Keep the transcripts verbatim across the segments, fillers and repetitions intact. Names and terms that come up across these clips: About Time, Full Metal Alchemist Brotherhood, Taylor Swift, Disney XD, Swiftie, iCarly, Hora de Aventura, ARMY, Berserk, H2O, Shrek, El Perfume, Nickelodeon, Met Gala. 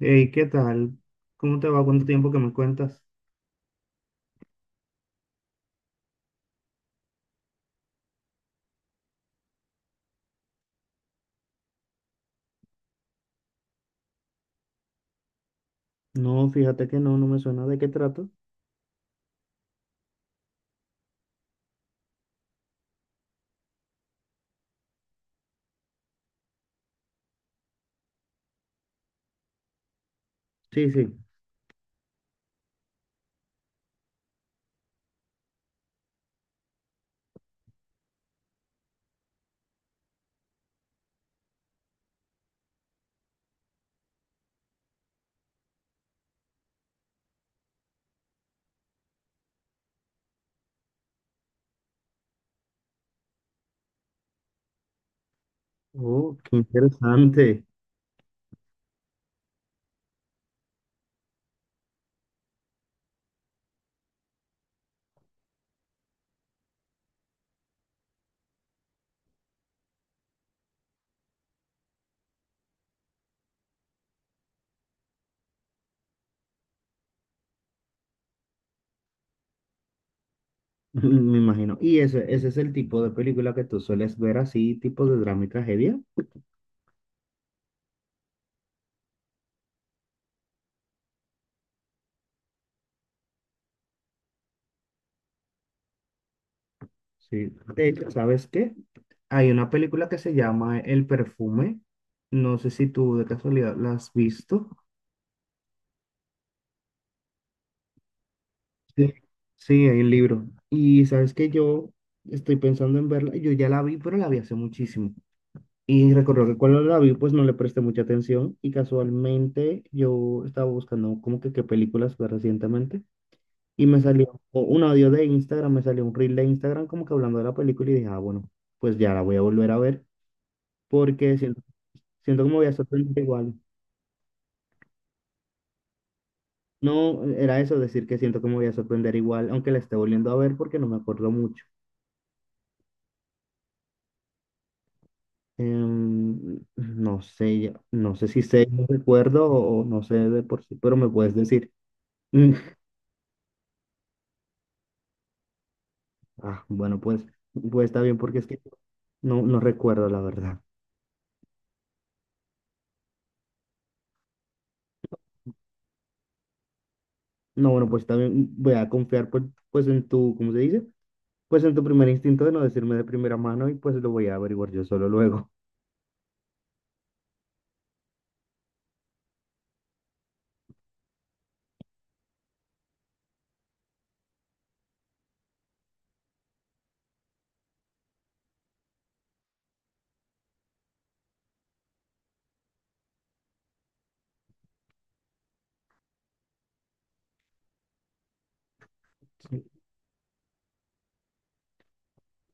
Hey, ¿qué tal? ¿Cómo te va? ¿Cuánto tiempo que me cuentas? No, fíjate que no, no me suena de qué trato. Sí, sí. Oh, qué interesante. Me imagino. ¿Y ese, ese es el tipo de película que tú sueles ver así, tipo de drama y tragedia? Sí. De hecho, ¿sabes qué? Hay una película que se llama El Perfume. No sé si tú de casualidad la has visto. Sí, sí, hay un libro. Y sabes que yo estoy pensando en verla. Yo ya la vi, pero la vi hace muchísimo. Y recuerdo que cuando la vi, pues no le presté mucha atención y casualmente yo estaba buscando como que qué películas ver recientemente y me salió o un audio de Instagram, me salió un reel de Instagram como que hablando de la película y dije, ah, bueno, pues ya la voy a volver a ver porque siento, siento que me voy a sorprender igual. No, era eso, decir que siento que me voy a sorprender igual, aunque la esté volviendo a ver porque no me acuerdo mucho. Em, no sé, ya- no sé si sé, no recuerdo o o no sé de por sí, pero me puedes decir. Ah, bueno, pues, pues está bien, porque es que no, no recuerdo la verdad. No, bueno, pues está bien, voy a confiar pues, pues en tu, ¿cómo se dice? Pues en tu primer instinto de no decirme de primera mano y pues lo voy a averiguar yo solo luego.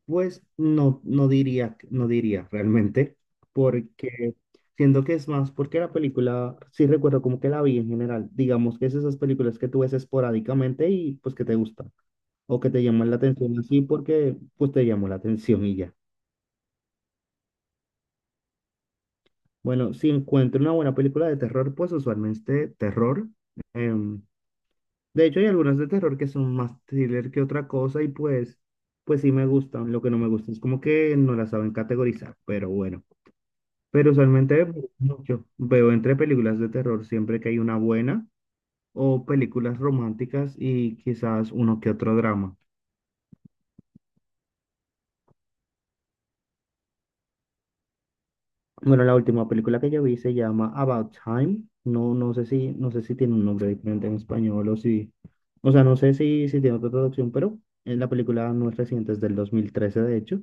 Pues no, no diría, que- no diría realmente, porque siento que es más, porque la película, sí recuerdo como que la vi en general, digamos que es esas películas que tú ves esporádicamente y pues que te gustan o que te llaman la atención así porque pues te llamó la atención y ya. Bueno, si encuentro una buena película de terror, pues usualmente terror. Em, de hecho, hay algunas de terror que son más thriller que otra cosa y pues, pues sí me gustan. Lo que no me gusta es como que no las saben categorizar, pero bueno. Pero usualmente mucho. Veo entre películas de terror siempre que hay una buena o películas románticas y quizás uno que otro drama. Bueno, la última película que yo vi se llama About Time. No, no sé si, no sé si tiene un nombre diferente en español o si, o sea, no sé si, si tiene otra traducción, pero eh, la película no es reciente, es del dos mil trece de hecho,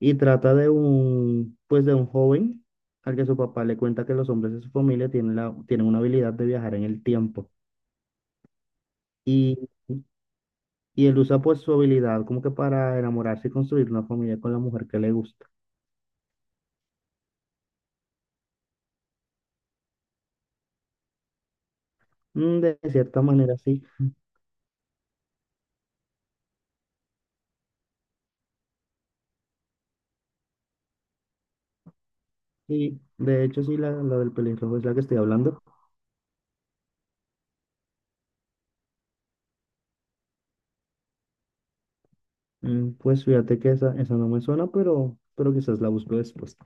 y trata de un, pues de un joven al que su papá le cuenta que los hombres de su familia tienen la, tienen una habilidad de viajar en el tiempo y, y él usa pues su habilidad como que para enamorarse y construir una familia con la mujer que le gusta. Mm, de cierta manera, sí. Sí, de hecho sí, la, la del pelirrojo es la que estoy hablando. Mm, pues fíjate que esa, esa no me suena, pero, pero quizás la busco después.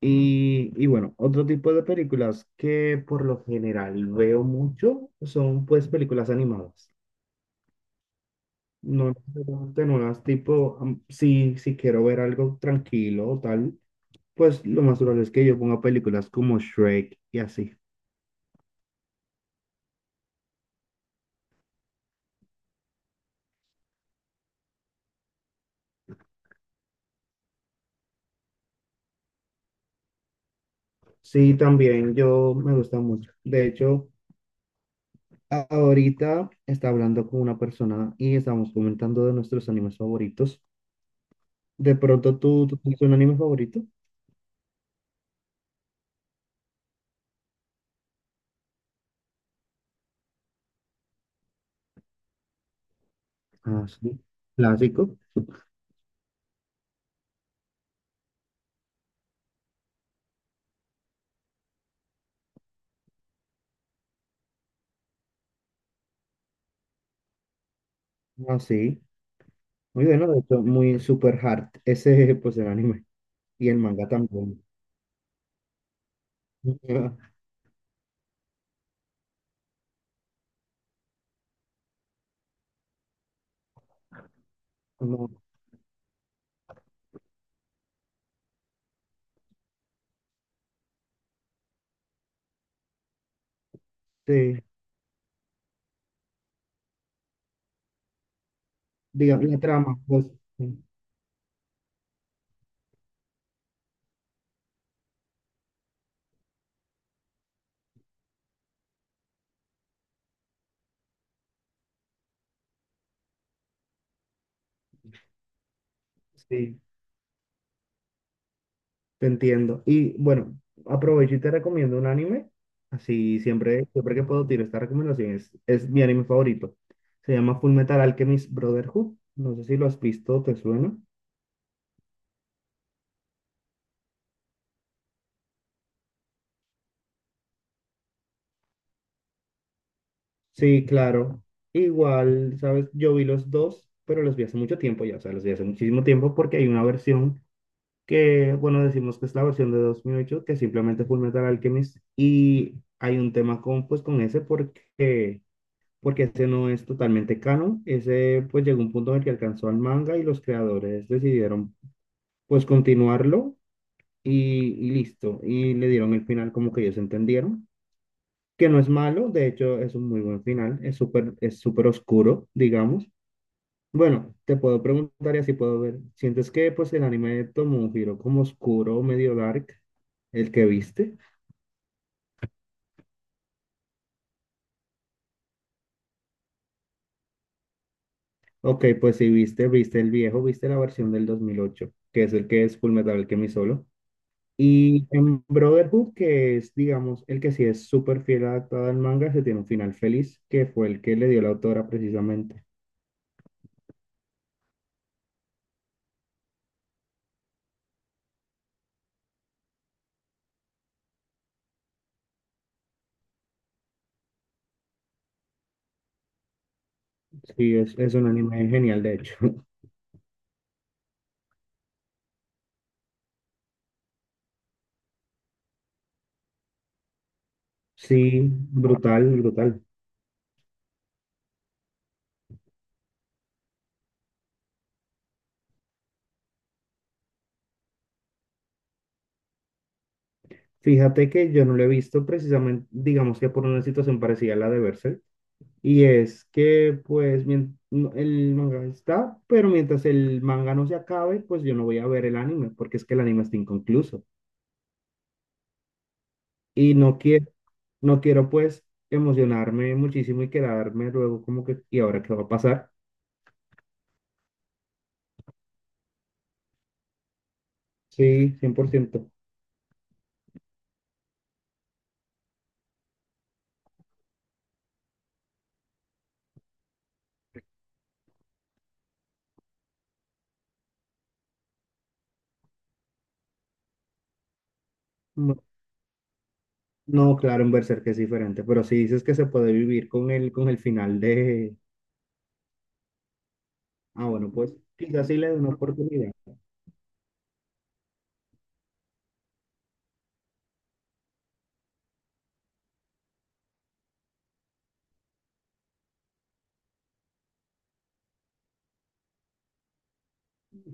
Y, y bueno, otro tipo de películas que por lo general veo mucho son pues películas animadas. No necesariamente no las tipo, am- si, si quiero ver algo tranquilo o tal, pues lo más probable es que yo ponga películas como Shrek y así. Sí, también yo me gusta mucho. De hecho, ahorita está hablando con una persona y estamos comentando de nuestros animes favoritos. De pronto, ¿tú, tú tienes un anime favorito? Ah, sí. Clásico. Ah, sí. Muy bueno, de hecho, muy super hard. Ese, pues, el anime. Y el manga también. No, sí. Digamos, la trama, pues, sí. Te entiendo. Y bueno, aprovecho y te recomiendo un anime. Así siempre, siempre que puedo tiro esta recomendación. Es, es mi anime favorito. Se llama Full Metal Alchemist Brotherhood. No sé si lo has visto, ¿te suena? Sí, claro. Igual, sabes, yo vi los dos, pero los vi hace mucho tiempo ya. O sea, los vi hace muchísimo tiempo porque hay una versión que, bueno, decimos que es la versión de dos mil ocho que simplemente Full Metal Alchemist. Y hay un tema con, pues, con ese porque porque ese no es totalmente canon. Ese pues llegó un punto en el que alcanzó al manga y los creadores decidieron pues continuarlo y, y listo. Y le dieron el final como que ellos entendieron, que no es malo, de hecho es un muy buen final, es súper es súper oscuro, digamos. Bueno, te puedo preguntar y así puedo ver. ¿Sientes que pues el anime tomó un giro como oscuro, medio dark, el que viste? Ok, pues si viste, viste el viejo, viste la versión del dos mil ocho que es el que es Fullmetal Alchemist solo. Y en Brotherhood, que es, digamos, el que sí es súper fiel adaptado al manga, se tiene un final feliz, que fue el que le dio la autora precisamente. Sí, es, es un anime genial, de hecho. Sí, brutal, brutal. Fíjate que yo no lo he visto precisamente, digamos que por una situación parecida a la de Berserk. Y es que, pues, mien- no- el manga está, pero mientras el manga no se acabe, pues yo no voy a ver el anime, porque es que el anime está inconcluso. Y no quiero, no quiero pues emocionarme muchísimo y quedarme luego como que, ¿y ahora qué va a pasar? Sí, cien por ciento. No, no, claro, en Berserk es diferente, pero si dices que se puede vivir con el, con el final de... Ah, bueno, pues quizás sí le dé una oportunidad.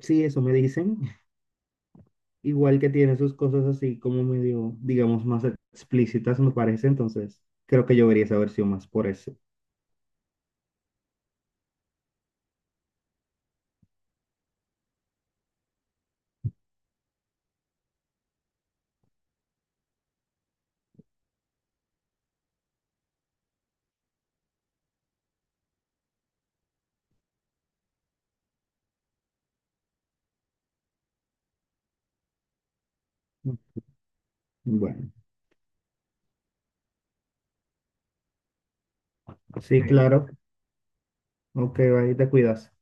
Sí, eso me dicen. Igual que tiene sus cosas así como medio, digamos, más explícitas, me parece. Entonces, creo que yo vería esa versión más por eso. Bueno, sí, sí, claro. Ok, ahí te cuidas.